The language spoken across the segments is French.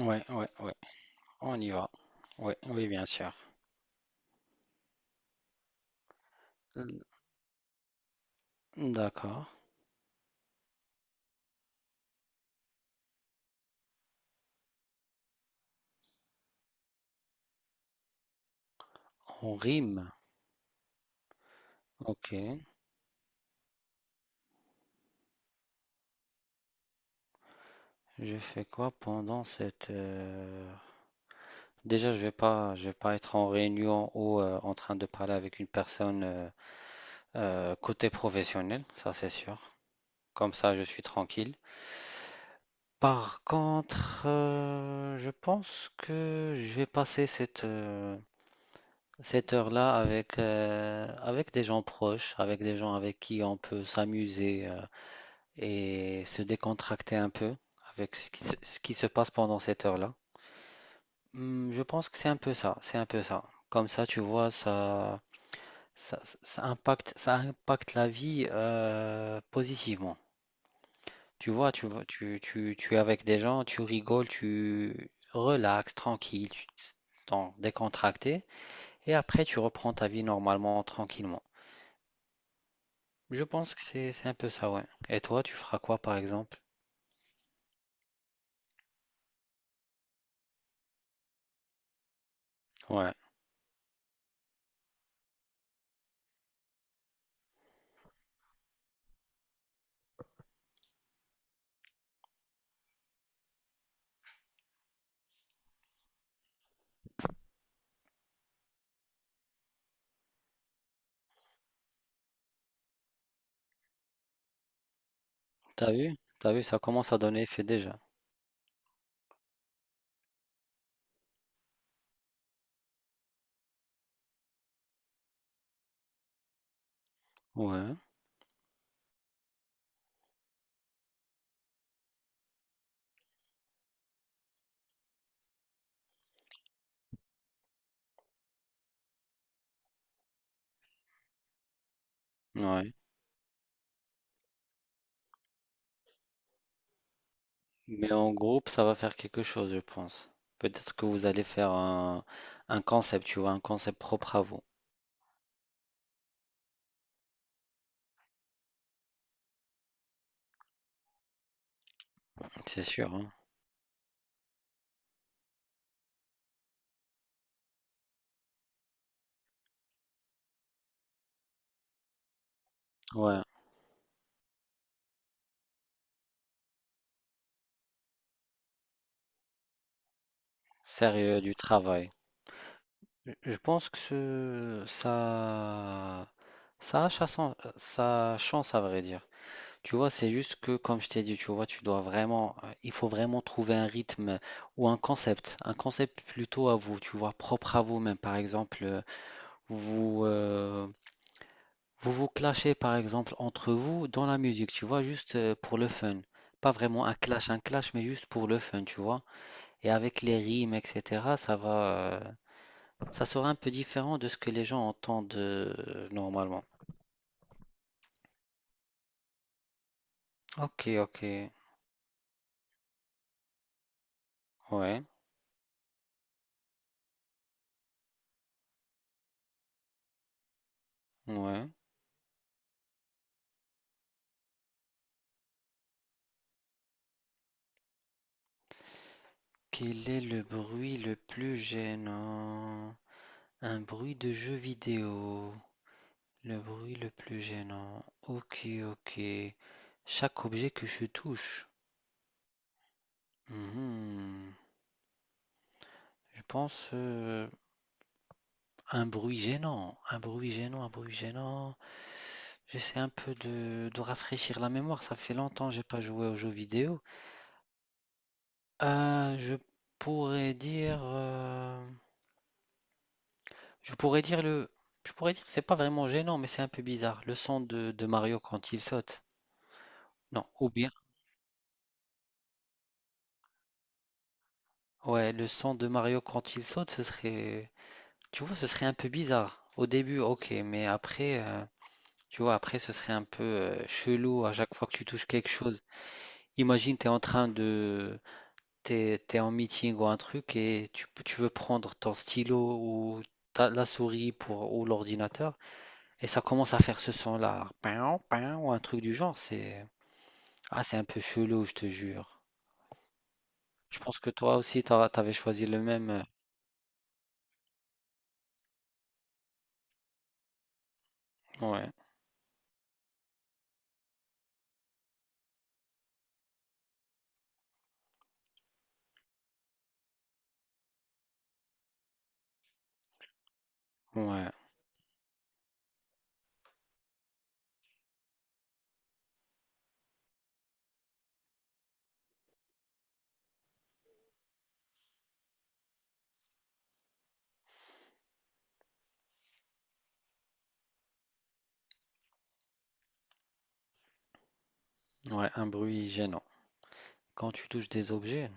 Ouais, ouais, ouais, on y va. Ouais, oui, bien sûr. L- D'accord. On rime. Ok. Je fais quoi pendant cette... Déjà, je vais pas être en réunion ou en train de parler avec une personne côté professionnel, ça c'est sûr. Comme ça, je suis tranquille. Par contre, je pense que je vais passer cette heure-là avec, avec des gens proches, avec des gens avec qui on peut s'amuser, et se décontracter un peu avec ce qui se passe pendant cette heure-là. Hmm, je pense que c'est un peu ça, c'est un peu ça. Comme ça, tu vois, ça impacte la vie, positivement. Tu vois, tu es avec des gens, tu rigoles, tu relaxes, tranquille, tu t'en décontracté, et après tu reprends ta vie normalement, tranquillement. Je pense que c'est un peu ça, ouais. Et toi, tu feras quoi, par exemple? Ouais. T'as vu? T'as vu, ça commence à donner effet déjà. Ouais, ouais. Mais en groupe, ça va faire quelque chose, je pense. Peut-être que vous allez faire un concept, tu vois, un concept propre à vous, c'est sûr, hein. Ouais, sérieux, du travail. Je pense que ça a sa chance, à vrai dire. Tu vois, c'est juste que, comme je t'ai dit, tu vois, tu dois vraiment, il faut vraiment trouver un rythme ou un concept plutôt à vous, tu vois, propre à vous-même. Par exemple, vous, euh, vous vous clashez par exemple entre vous dans la musique, tu vois, juste pour le fun. Pas vraiment un clash, mais juste pour le fun, tu vois. Et avec les rimes, etc., ça sera un peu différent de ce que les gens entendent, normalement. Ok, ok, ouais, ouais. Quel est le bruit le plus gênant? Un bruit de jeu vidéo. Le bruit le plus gênant. Ok, ok. Chaque objet que je touche. Mhm. Je pense, un bruit gênant, un bruit gênant, un bruit gênant. J'essaie un peu de rafraîchir la mémoire. Ça fait longtemps que j'ai pas joué aux jeux vidéo. Je pourrais dire, je pourrais dire le, je pourrais dire que c'est pas vraiment gênant, mais c'est un peu bizarre. Le son de Mario quand il saute. Non, ou bien, ouais, le son de Mario quand il saute, ce serait, tu vois, ce serait un peu bizarre. Au début, ok, mais après, tu vois, après, ce serait un peu, chelou à chaque fois que tu touches quelque chose. Imagine, tu es en train de... T'es, t'es en meeting ou un truc et tu veux prendre ton stylo ou la souris pour, ou l'ordinateur et ça commence à faire ce son-là. Pain, pain, ou un truc du genre. C'est... Ah, c'est un peu chelou, je te jure. Je pense que toi aussi, t'avais choisi le même. Ouais, ouais, ouais, un bruit gênant. Quand tu touches des objets,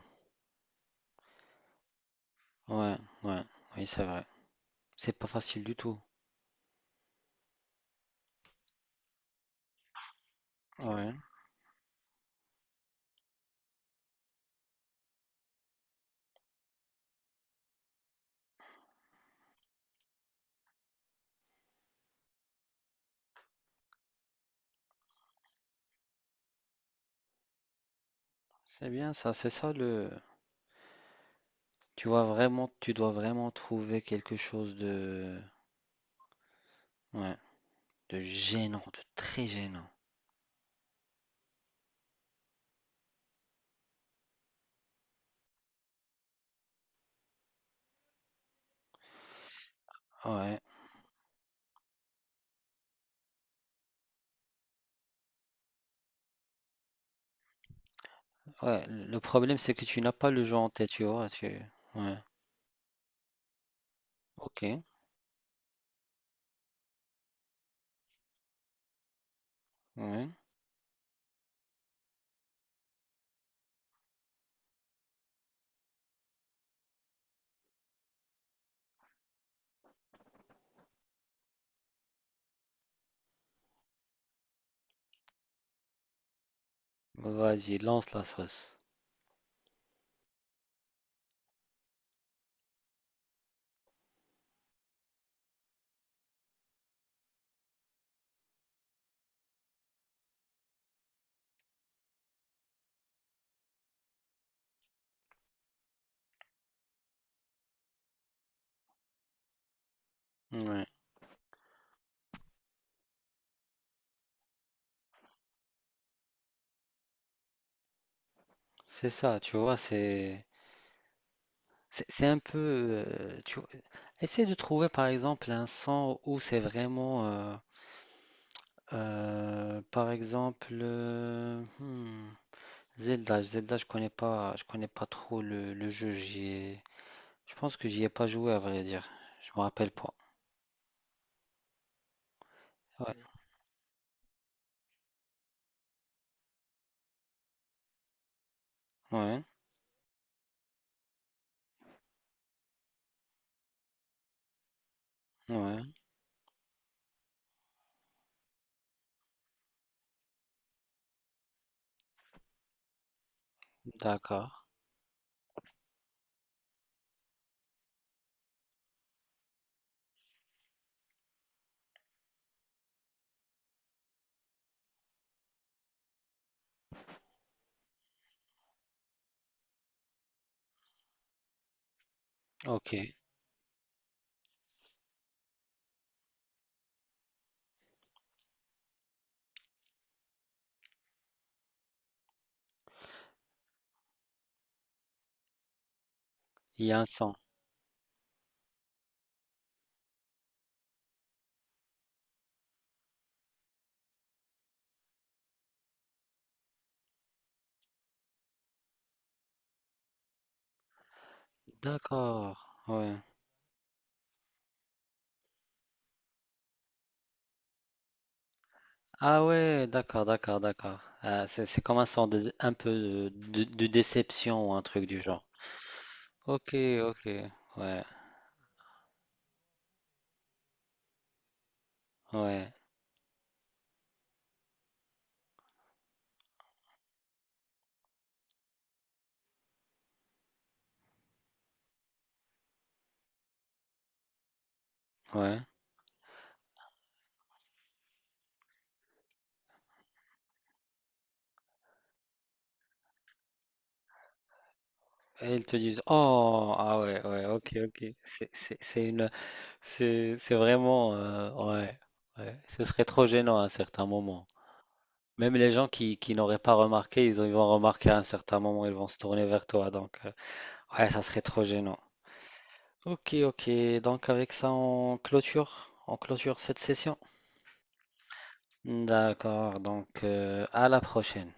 ouais, ouais, oui, c'est vrai. C'est pas facile du tout. Ouais, c'est bien ça, c'est ça le, tu vois vraiment, tu dois vraiment trouver quelque chose de, ouais, de gênant, de très gênant. Ouais, ouais. Le problème, c'est que tu n'as pas le jeu en tête, tu vois. Tu... Ouais, ok, ouais. Bah, vas-y, lance la sauce. Ouais, c'est ça, tu vois, c'est un peu, tu vois. Essaie de trouver, par exemple, un son où c'est vraiment, par exemple, Zelda, Zelda, je connais pas trop le jeu. Je pense que j'y ai pas joué à vrai dire. Je me rappelle pas. Ouais, ouais, ouais. D'accord. Ok. Il y a un son. D'accord. Ouais. Ah ouais, d'accord, d'accord, d'accord. Ah, c'est comme un son de, un peu de déception ou un truc du genre. Ok, ok. Ouais, ouais, ouais. Et ils te disent, oh, ah ouais, ouais, ok, ok. C'est une c'est vraiment, ouais, ouais. Ce serait trop gênant à un certain moment. Même les gens qui n'auraient pas remarqué, ils vont remarquer à un certain moment, ils vont se tourner vers toi. Donc, ouais, ça serait trop gênant. Ok, ok. Donc, avec ça, on clôture cette session. D'accord. Donc, à la prochaine.